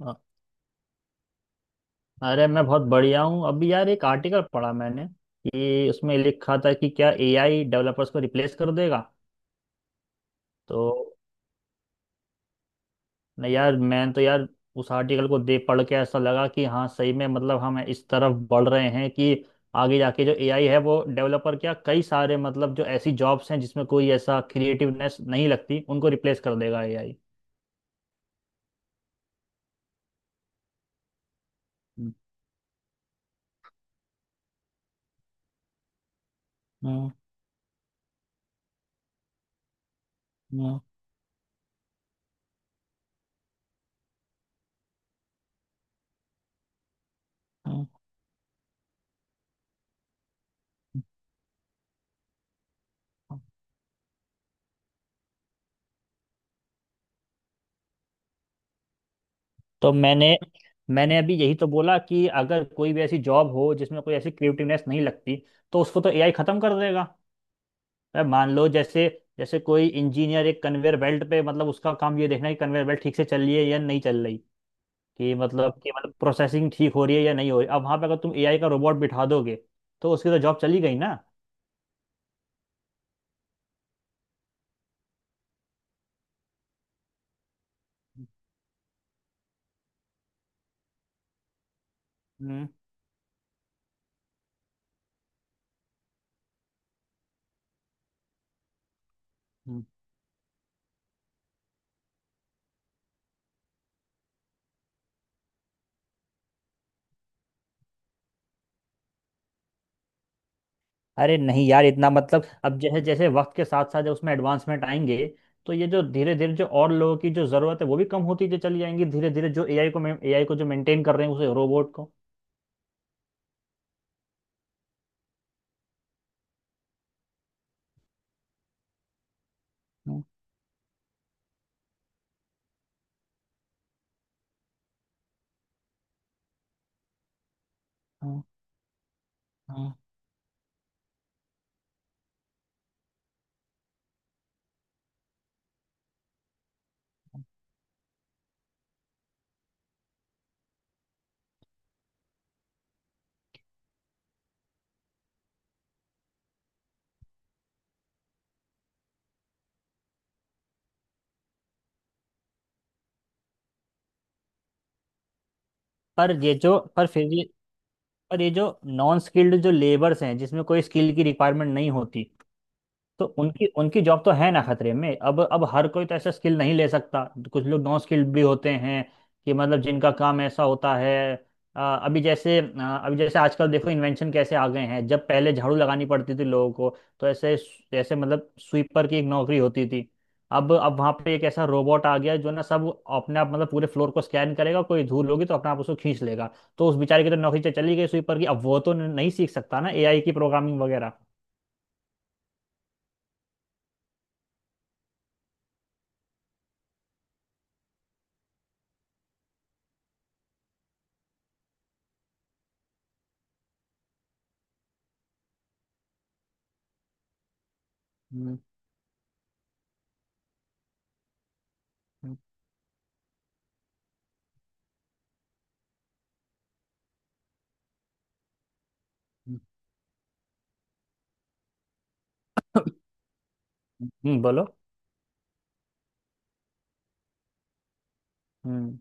अ- अरे मैं बहुत बढ़िया हूँ। अभी यार एक आर्टिकल पढ़ा मैंने कि उसमें लिखा था कि क्या एआई डेवलपर्स को रिप्लेस कर देगा। तो नहीं यार, मैं तो यार उस आर्टिकल को देख पढ़ के ऐसा लगा कि हाँ सही में मतलब हम इस तरफ बढ़ रहे हैं कि आगे जाके जो एआई है वो डेवलपर क्या कई सारे मतलब जो ऐसी जॉब्स हैं जिसमें कोई ऐसा क्रिएटिवनेस नहीं लगती उनको रिप्लेस कर देगा एआई। हम्म। हम्म। हम्म। हम्म। तो मैंने मैंने अभी यही तो बोला कि अगर कोई भी ऐसी जॉब हो जिसमें कोई ऐसी क्रिएटिवनेस नहीं लगती तो उसको तो एआई खत्म कर देगा। अरे मान लो जैसे जैसे कोई इंजीनियर एक कन्वेयर बेल्ट पे मतलब उसका काम ये देखना है कि कन्वेयर बेल्ट ठीक से चल रही है या नहीं चल रही, कि मतलब प्रोसेसिंग ठीक हो रही है या नहीं हो रही। अब वहां पे अगर तुम एआई का रोबोट बिठा दोगे तो उसकी तो जॉब चली गई ना। हम्म। हम्म। अरे नहीं यार, इतना मतलब अब जैसे जैसे वक्त के साथ साथ जब उसमें एडवांसमेंट आएंगे तो ये जो धीरे धीरे जो और लोगों की जो जरूरत है वो भी कम होती जो चली जाएंगी धीरे धीरे जो एआई को जो मेंटेन कर रहे हैं उसे रोबोट को। हम्म। हम्म। हम्म। हम्म। पर ये जो पर फिर ये पर ये जो नॉन स्किल्ड जो लेबर्स हैं जिसमें कोई स्किल की रिक्वायरमेंट नहीं होती तो उनकी उनकी जॉब तो है ना खतरे में। अब हर कोई तो ऐसा स्किल नहीं ले सकता। कुछ लोग नॉन स्किल्ड भी होते हैं कि मतलब जिनका काम ऐसा होता है। अभी जैसे आजकल देखो इन्वेंशन कैसे आ गए हैं। जब पहले झाड़ू लगानी पड़ती थी लोगों को तो ऐसे जैसे मतलब स्वीपर की एक नौकरी होती थी। अब वहाँ पे एक ऐसा रोबोट आ गया जो ना सब अपने आप मतलब पूरे फ्लोर को स्कैन करेगा, कोई धूल होगी तो अपने आप उसको खींच लेगा। तो उस बेचारे की तो नौकरी चली गई स्वीपर की। अब वो तो नहीं सीख सकता ना एआई की प्रोग्रामिंग वगैरह। हम्म। हम्म। बोलो। हम्म।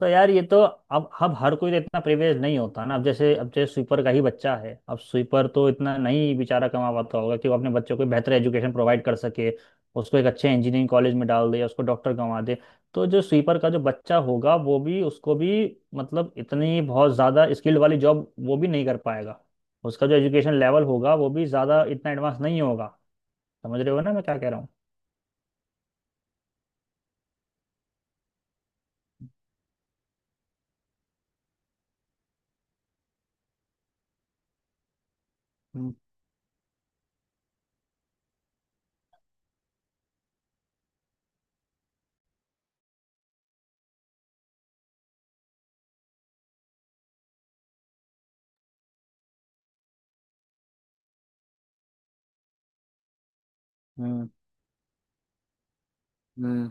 तो यार ये तो अब हर कोई तो इतना प्रिविलेज नहीं होता ना। अब जैसे स्वीपर का ही बच्चा है। अब स्वीपर तो इतना नहीं बेचारा कमा पाता होगा कि वो अपने बच्चों को बेहतर एजुकेशन प्रोवाइड कर सके, उसको एक अच्छे इंजीनियरिंग कॉलेज में डाल दे या उसको डॉक्टर कमा दे। तो जो स्वीपर का जो बच्चा होगा वो भी, उसको भी मतलब इतनी बहुत ज़्यादा स्किल्ड वाली जॉब वो भी नहीं कर पाएगा। उसका जो एजुकेशन लेवल होगा वो भी ज़्यादा इतना एडवांस नहीं होगा। समझ रहे हो ना मैं क्या कह रहा हूँ? हम्म। हम्म। हम्म।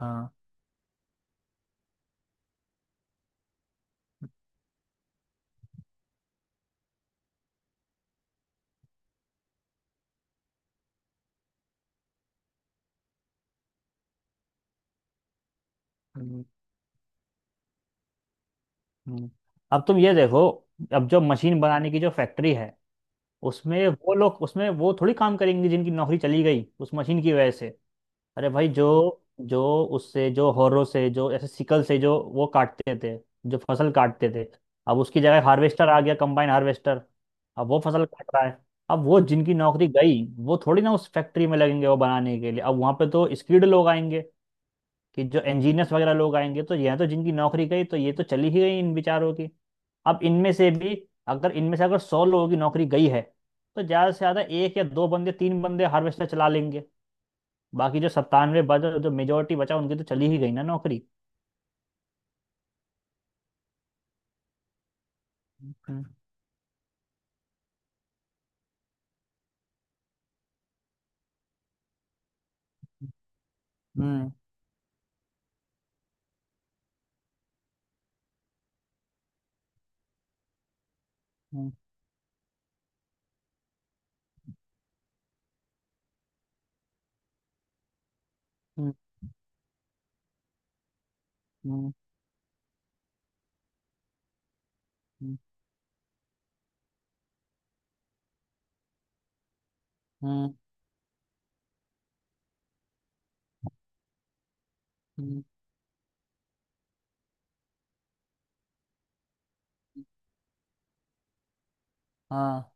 हाँ। हम्म। हम्म। अब तुम ये देखो। अब जो मशीन बनाने की जो फैक्ट्री है उसमें वो लोग, उसमें वो थोड़ी काम करेंगे जिनकी नौकरी चली गई उस मशीन की वजह से। अरे भाई जो जो उससे जो हौरों से जो ऐसे सिकल से जो वो काटते थे, जो फसल काटते थे। अब उसकी जगह हार्वेस्टर आ गया, कंबाइन हार्वेस्टर। अब वो फसल काट रहा है। अब वो जिनकी नौकरी गई वो थोड़ी ना उस फैक्ट्री में लगेंगे वो बनाने के लिए। अब वहां पे तो स्किल्ड लोग आएंगे, कि जो इंजीनियर्स वगैरह लोग आएंगे। तो ये तो जिनकी नौकरी गई तो ये तो चली ही गई इन बेचारों की। अब इनमें से भी अगर इनमें से अगर 100 लोगों की नौकरी गई है तो ज़्यादा से ज़्यादा एक या दो बंदे तीन बंदे हार्वेस्टर चला लेंगे। बाकी जो 97 बचा, जो मेजोरिटी बचा, उनकी तो चली ही गई ना नौकरी। हम्म। हम्म। हम्म। हम्म। हम्म। हम्म। हम्म। हम्म। हाँ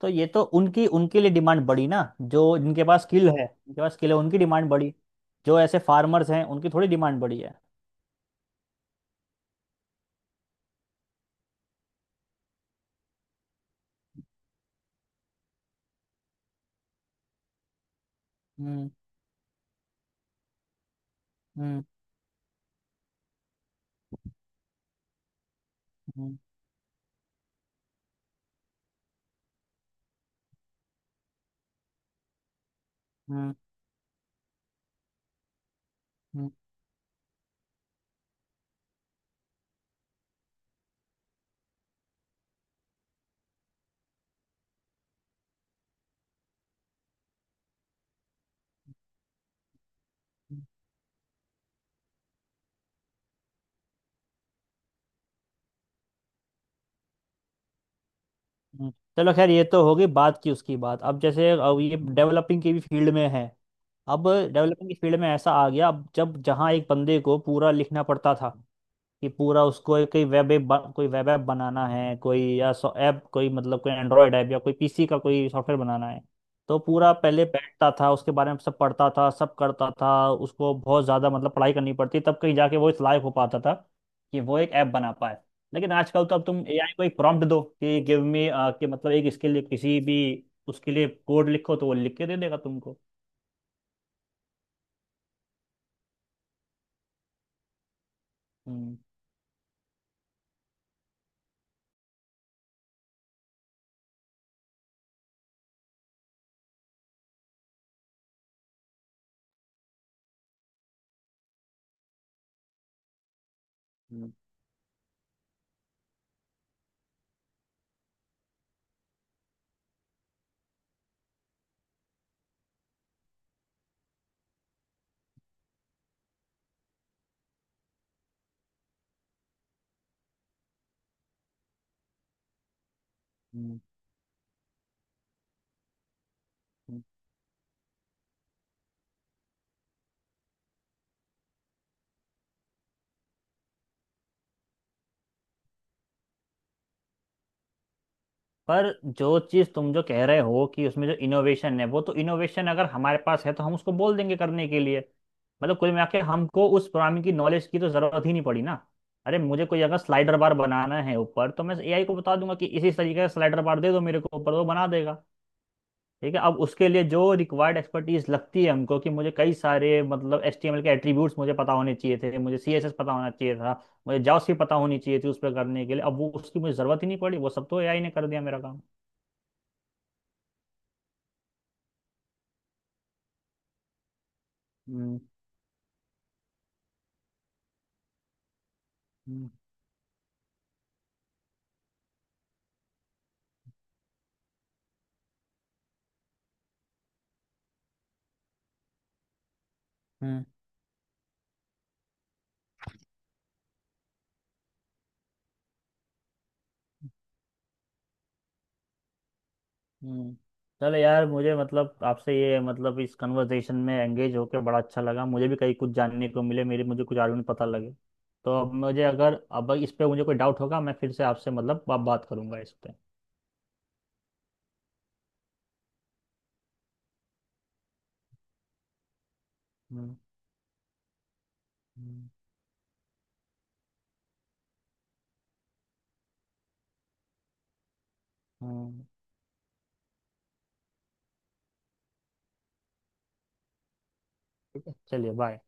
तो ये तो उनकी उनके लिए डिमांड बढ़ी ना। जो जिनके पास स्किल है, उनके पास स्किल है, उनकी डिमांड बढ़ी। जो ऐसे फार्मर्स हैं उनकी थोड़ी डिमांड बढ़ी है। हम्म। हम्म। हम्म। हम्म। हम्म। चलो, खैर ये तो होगी बात की उसकी बात। अब जैसे अब ये डेवलपिंग की भी फील्ड में है। अब डेवलपिंग की फील्ड में ऐसा आ गया, अब जब जहाँ एक बंदे को पूरा लिखना पड़ता था कि पूरा उसको कोई वेब ऐप बनाना है, कोई या ऐप कोई मतलब कोई एंड्रॉयड ऐप या कोई पीसी का कोई सॉफ्टवेयर बनाना है। तो पूरा पहले बैठता था, उसके बारे में सब पढ़ता था, सब करता था, उसको बहुत ज़्यादा मतलब पढ़ाई करनी पड़ती तब कहीं जाके वो इस लायक हो पाता था कि वो एक ऐप बना पाए। लेकिन आजकल तो अब तुम एआई को एक प्रॉम्प्ट दो कि गिव मी, कि मतलब एक इसके लिए किसी भी उसके लिए कोड लिखो तो वो लिख के दे देगा तुमको। हम्म। हम्म। हम्म। हम्म। पर जो चीज तुम जो कह रहे हो कि उसमें जो इनोवेशन है, वो तो इनोवेशन अगर हमारे पास है तो हम उसको बोल देंगे करने के लिए। मतलब कुल मिला के हमको उस प्रोग्रामिंग की नॉलेज की तो जरूरत ही नहीं पड़ी ना। अरे मुझे कोई अगर स्लाइडर बार बनाना है ऊपर तो मैं एआई को बता दूंगा कि इसी तरीके का स्लाइडर बार दे दो मेरे को ऊपर, वो बना देगा। ठीक है। अब उसके लिए जो रिक्वायर्ड एक्सपर्टीज लगती है हमको, कि मुझे कई सारे मतलब एचटीएमएल के एट्रीब्यूट्स मुझे पता होने चाहिए थे, मुझे सीएसएस पता होना चाहिए था, मुझे जावास्क्रिप्ट पता होनी चाहिए थी उस पर करने के लिए। अब वो उसकी मुझे जरूरत ही नहीं पड़ी, वो सब तो एआई ने कर दिया मेरा काम। हम्म। हम्म। हम्म। हम्म। चलो यार, मुझे मतलब आपसे ये मतलब इस कन्वर्सेशन में एंगेज होकर बड़ा अच्छा लगा। मुझे भी कहीं कुछ जानने को मिले, मेरे मुझे कुछ आर्गुमेंट पता लगे। तो अब मुझे अगर अब इस पे मुझे कोई डाउट होगा मैं फिर से आपसे मतलब बात करूंगा इस पे। हम्म। हम्म। हम्म। ठीक है चलिए, बाय।